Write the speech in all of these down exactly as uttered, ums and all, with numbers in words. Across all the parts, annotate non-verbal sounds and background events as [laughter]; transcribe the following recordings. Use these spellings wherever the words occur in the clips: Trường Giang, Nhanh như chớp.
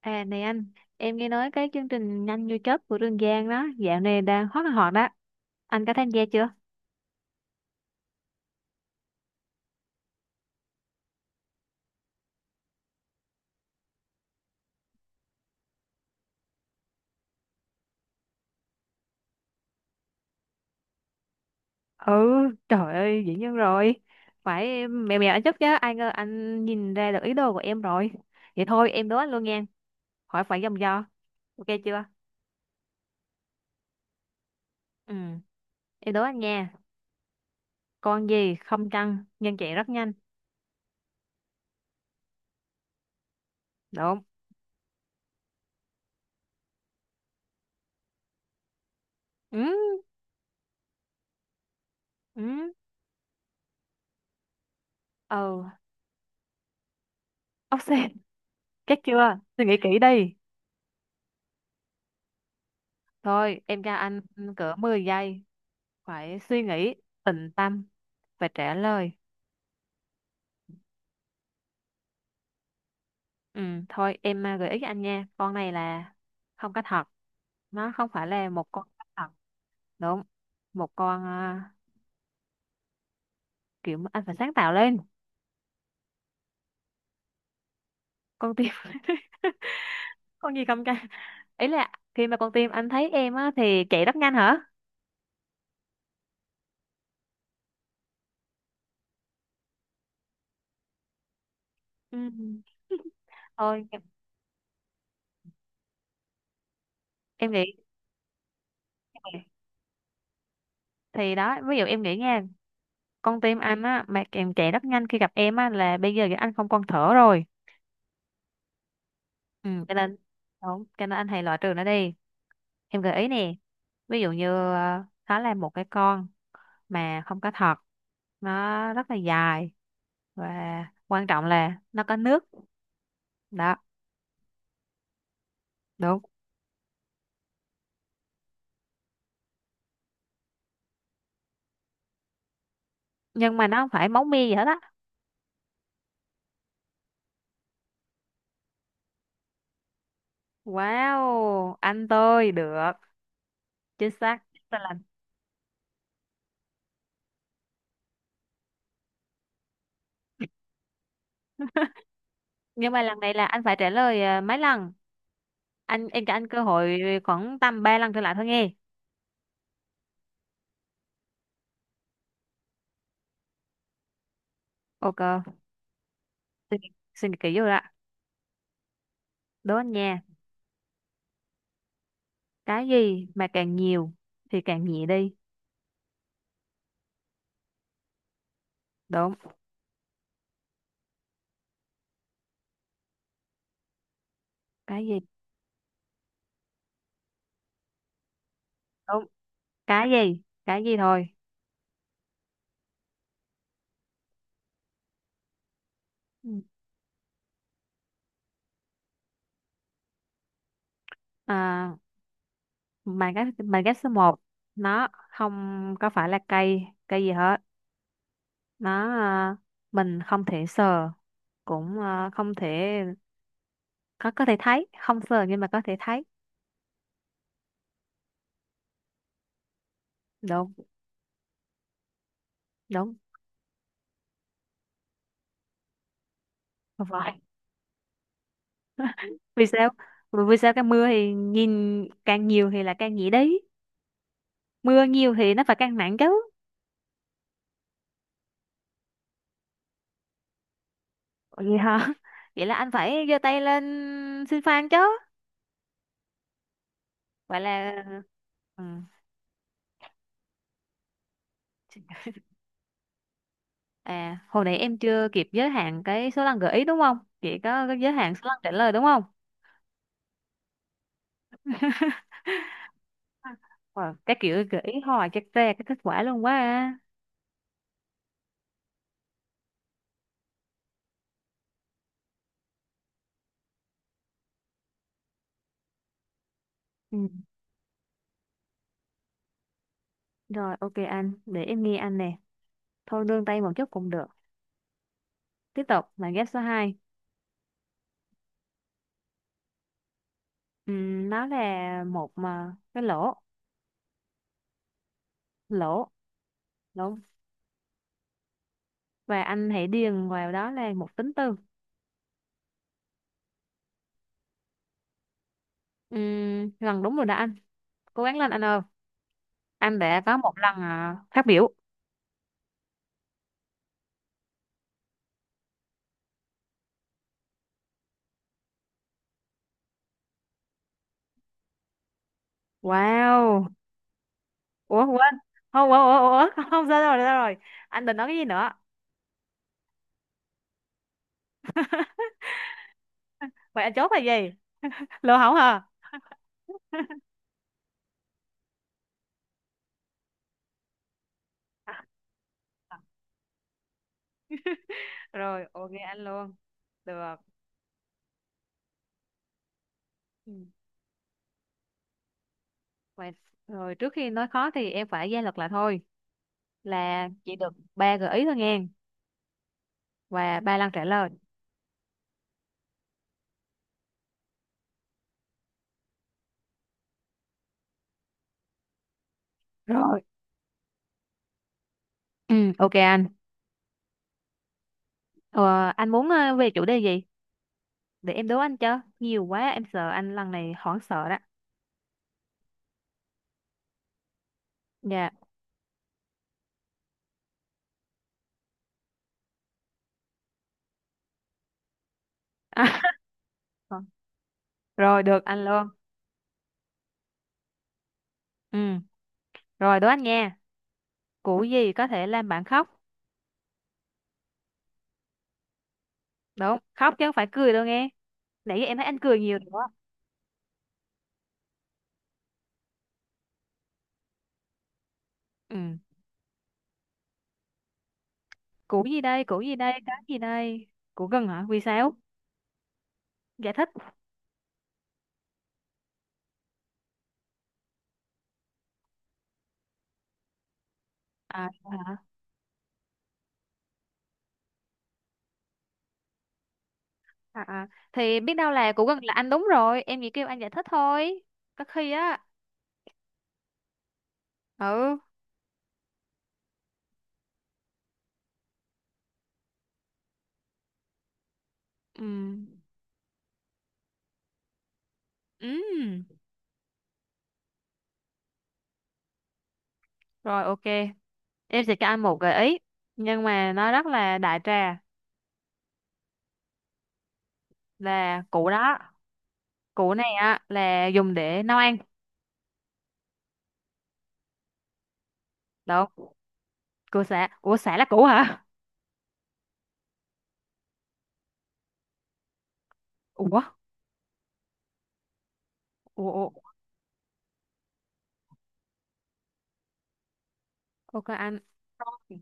À này anh, em nghe nói cái chương trình Nhanh như chớp của Trường Giang đó, dạo này đang hot là hot đó. Anh có tham gia chưa? Ừ, trời ơi, dĩ nhiên rồi. Phải mèo mèo anh chắc chứ, ai ngờ anh nhìn ra được ý đồ của em rồi. Vậy thôi em đố anh luôn nha, hỏi phải vòng vo. Ok chưa? Ừ, em đố anh nha. Con gì không chân nhưng chạy rất nhanh? Đúng. Ừ, ừ, ừ, ốc sên. Chắc chưa? Suy nghĩ kỹ đi. Thôi, em cho anh cỡ mười giây. Phải suy nghĩ, tịnh tâm và trả lời. Ừ, thôi em à, gợi ý cho anh nha, con này là không có thật, nó không phải là một con có thật. Đúng. Một con, à, kiểu mà anh phải sáng tạo lên. Con tim. [laughs] Con gì không cha, ý là khi mà con tim anh thấy em á thì chạy rất nhanh hả? Ừ. [laughs] Thôi em, em nghĩ thì đó, ví dụ em nghĩ nha, con tim anh á mà em chạy rất nhanh khi gặp em á là bây giờ anh không còn thở rồi. Ừ, cái nên. Đúng, cái nên anh hãy loại trừ nó đi. Em gợi ý nè, ví dụ như ờ, nó là một cái con mà không có thật, nó rất là dài và quan trọng là nó có nước đó. Đúng. Nhưng mà nó không phải máu me gì hết á. Wow, anh tôi được. Chính xác. Tức là- nhưng mà lần này là anh phải trả lời ờ, mấy lần. Anh, em cho anh cơ hội khoảng tầm ba lần trở lại thôi nghe. Ok. Suy nghĩ, suy nghĩ kỹ vô đã. Đố anh nha, cái gì mà càng nhiều thì càng nhẹ đi? Đúng. Cái gì? Đúng. Cái gì? Cái gì thôi. Ừ. à, mà cái mà cái số một, nó không có phải là cây cây gì hết. Nó, à, mình không thể sờ, cũng à, không thể, có có thể thấy, không sờ nhưng mà có thể thấy. Đúng. Đúng. Không phải. [laughs] Vì sao? Vì vì sao cái mưa thì nhìn càng nhiều thì là càng nhẹ đi? Mưa nhiều thì nó phải càng nặng chứ. Vậy hả? [laughs] Vậy là anh phải giơ tay lên xin fan chứ. Vậy là ừ. À, hồi nãy em chưa kịp giới hạn cái số lần gợi ý đúng không? Chị có cái giới hạn số lần trả lời đúng không? [laughs] Wow, cái kiểu gợi ý hoài chắc ra cái kết quả luôn quá à. Ừ. Rồi ok anh, để em nghe anh nè. Thôi nương tay một chút cũng được. Tiếp tục là ghép số hai. Ừm, nó là một mà cái lỗ, lỗ, lỗ và anh hãy điền vào đó là một tính từ. Ừm, lần đúng rồi đã anh, cố gắng lên anh ơi, anh đã có một lần à, phát biểu. Wow. Ủa quên. Không, ủa ủa ủa. [laughs] Không sao, rồi sao rồi anh định nói cái gì nữa? Vậy anh chốt là gì? Lô hổng hả? À, rồi ok anh luôn. Được. Ừ. Vậy rồi trước khi nói khó thì em phải ra luật lại thôi, là chỉ được ba gợi ý thôi nghe, và ba lần trả lời. Rồi. Ừ, ok anh. ờ, anh muốn ờ, về chủ đề gì, để em đố anh cho nhiều quá em sợ anh lần này hoảng sợ đó. Dạ. à, [laughs] Rồi được anh luôn. Ừ. Rồi đố anh nghe, củ gì có thể làm bạn khóc? Đúng, khóc chứ không phải cười đâu nghe, nãy giờ em thấy anh cười nhiều rồi đó. Ừ. Củ gì đây? Củ gì đây? Cái gì đây? Củ gừng hả? Vì sao? Giải thích. À, hả? à, à. Thì biết đâu là củ gừng là anh đúng rồi, em chỉ kêu anh giải thích thôi có khi á. Ừ. Ừ. Ừ. Rồi ok, em sẽ cho anh một gợi ý nhưng mà nó rất là đại trà, là củ đó. Củ này á là dùng để nấu ăn. Được không? Củ sả? Ủa, sả là củ hả? Ủa. Ủa. Ủa. Ok anh. Rồi,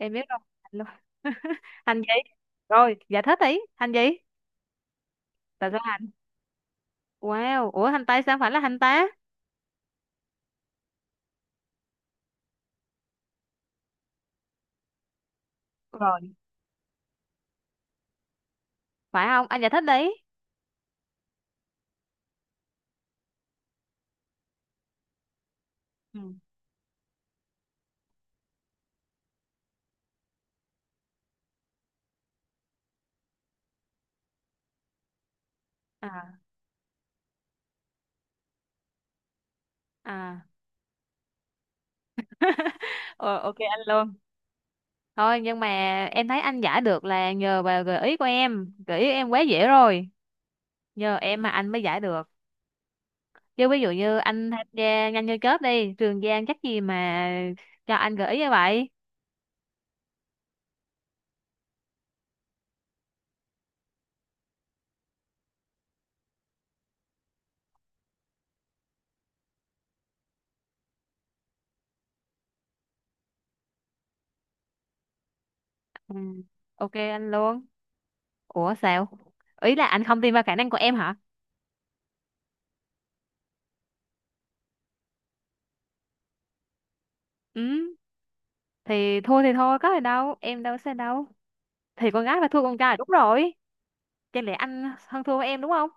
em biết rồi. Hành luôn. [laughs] Hành gì? Rồi giải thích đi, hành gì, tại sao hành? Wow, ủa, hành tây sao phải là hành tá? Rồi, phải không? Anh giải thích đi. Ừ. à à Ờ, ok anh luôn. Thôi nhưng mà em thấy anh giải được là nhờ vào gợi ý của em, gợi ý em quá dễ rồi, nhờ em mà anh mới giải được. Chứ ví dụ như anh tham gia Nhanh như chớp đi, Trường Giang chắc gì mà cho anh gợi ý như vậy. Ừ. Ok anh luôn. Ủa sao? Ý là anh không tin vào khả năng của em hả? Ừ, thì thua thì thôi, có gì đâu, em đâu sẽ đâu. Thì con gái phải thua con trai đúng rồi, chẳng lẽ anh hơn thua với em đúng không?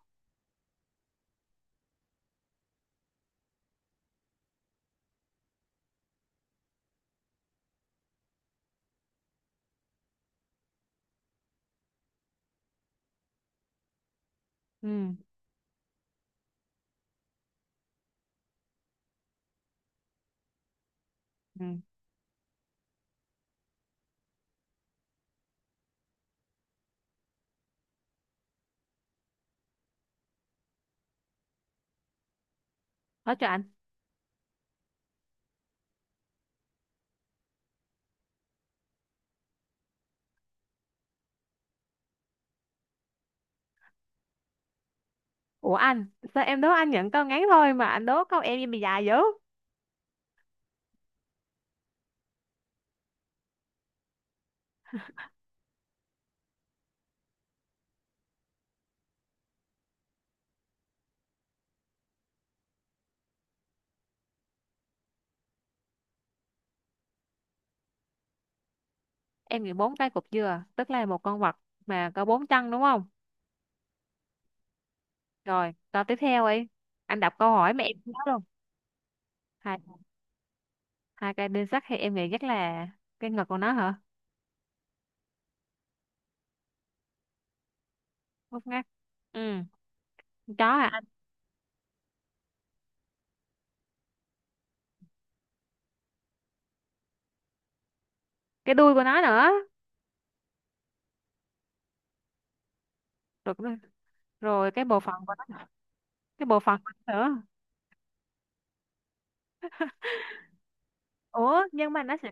Ừ. Ừ. Nói cho anh. Ủa anh, sao em đố anh nhận câu ngắn thôi mà anh đố câu em em bị dài dữ? Em nghĩ bốn cái cục dừa tức là một con vật mà có bốn chân đúng không? Rồi, câu tiếp theo ấy. Anh đọc câu hỏi mà em nhớ luôn. Hai, hai cây đinh sắt thì em nghĩ chắc là cái ngực của nó hả? Ngốc ngác. Ừ, con chó hả anh? Cái đuôi của nó nữa. Rồi, rồi rồi cái bộ phận của nó. Cái bộ phận của nó nữa. Ủa, nhưng mà nó sẽ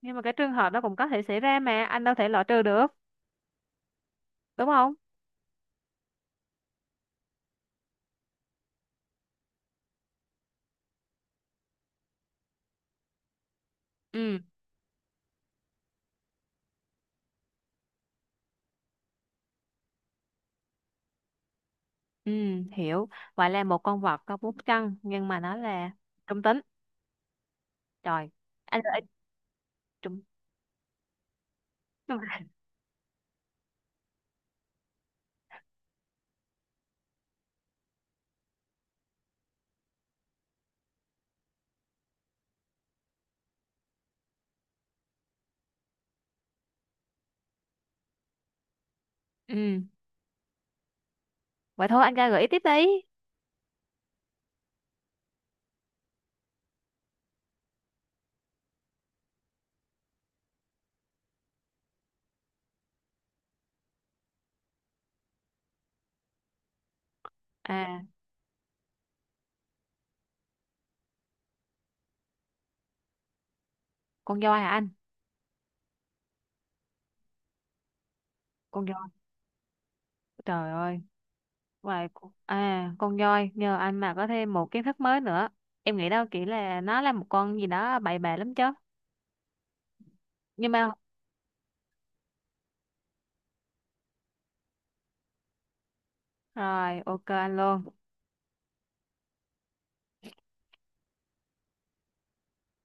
nhưng mà cái trường hợp đó cũng có thể xảy ra mà anh đâu thể loại trừ được, đúng không? Ừ. Ừ, hiểu. Vậy là một con vật có bốn chân nhưng mà nó là trung tính. Trời, anh gợi trung. [laughs] Ừ, vậy thôi anh ra gợi ý tiếp đi. À, con voi hả anh? Con voi. Trời ơi, vậy cu- à con voi nhờ anh mà có thêm một kiến thức mới nữa. Em nghĩ đâu chỉ là nó là một con gì đó bậy bạ lắm chứ. Nhưng mà rồi, ok anh luôn.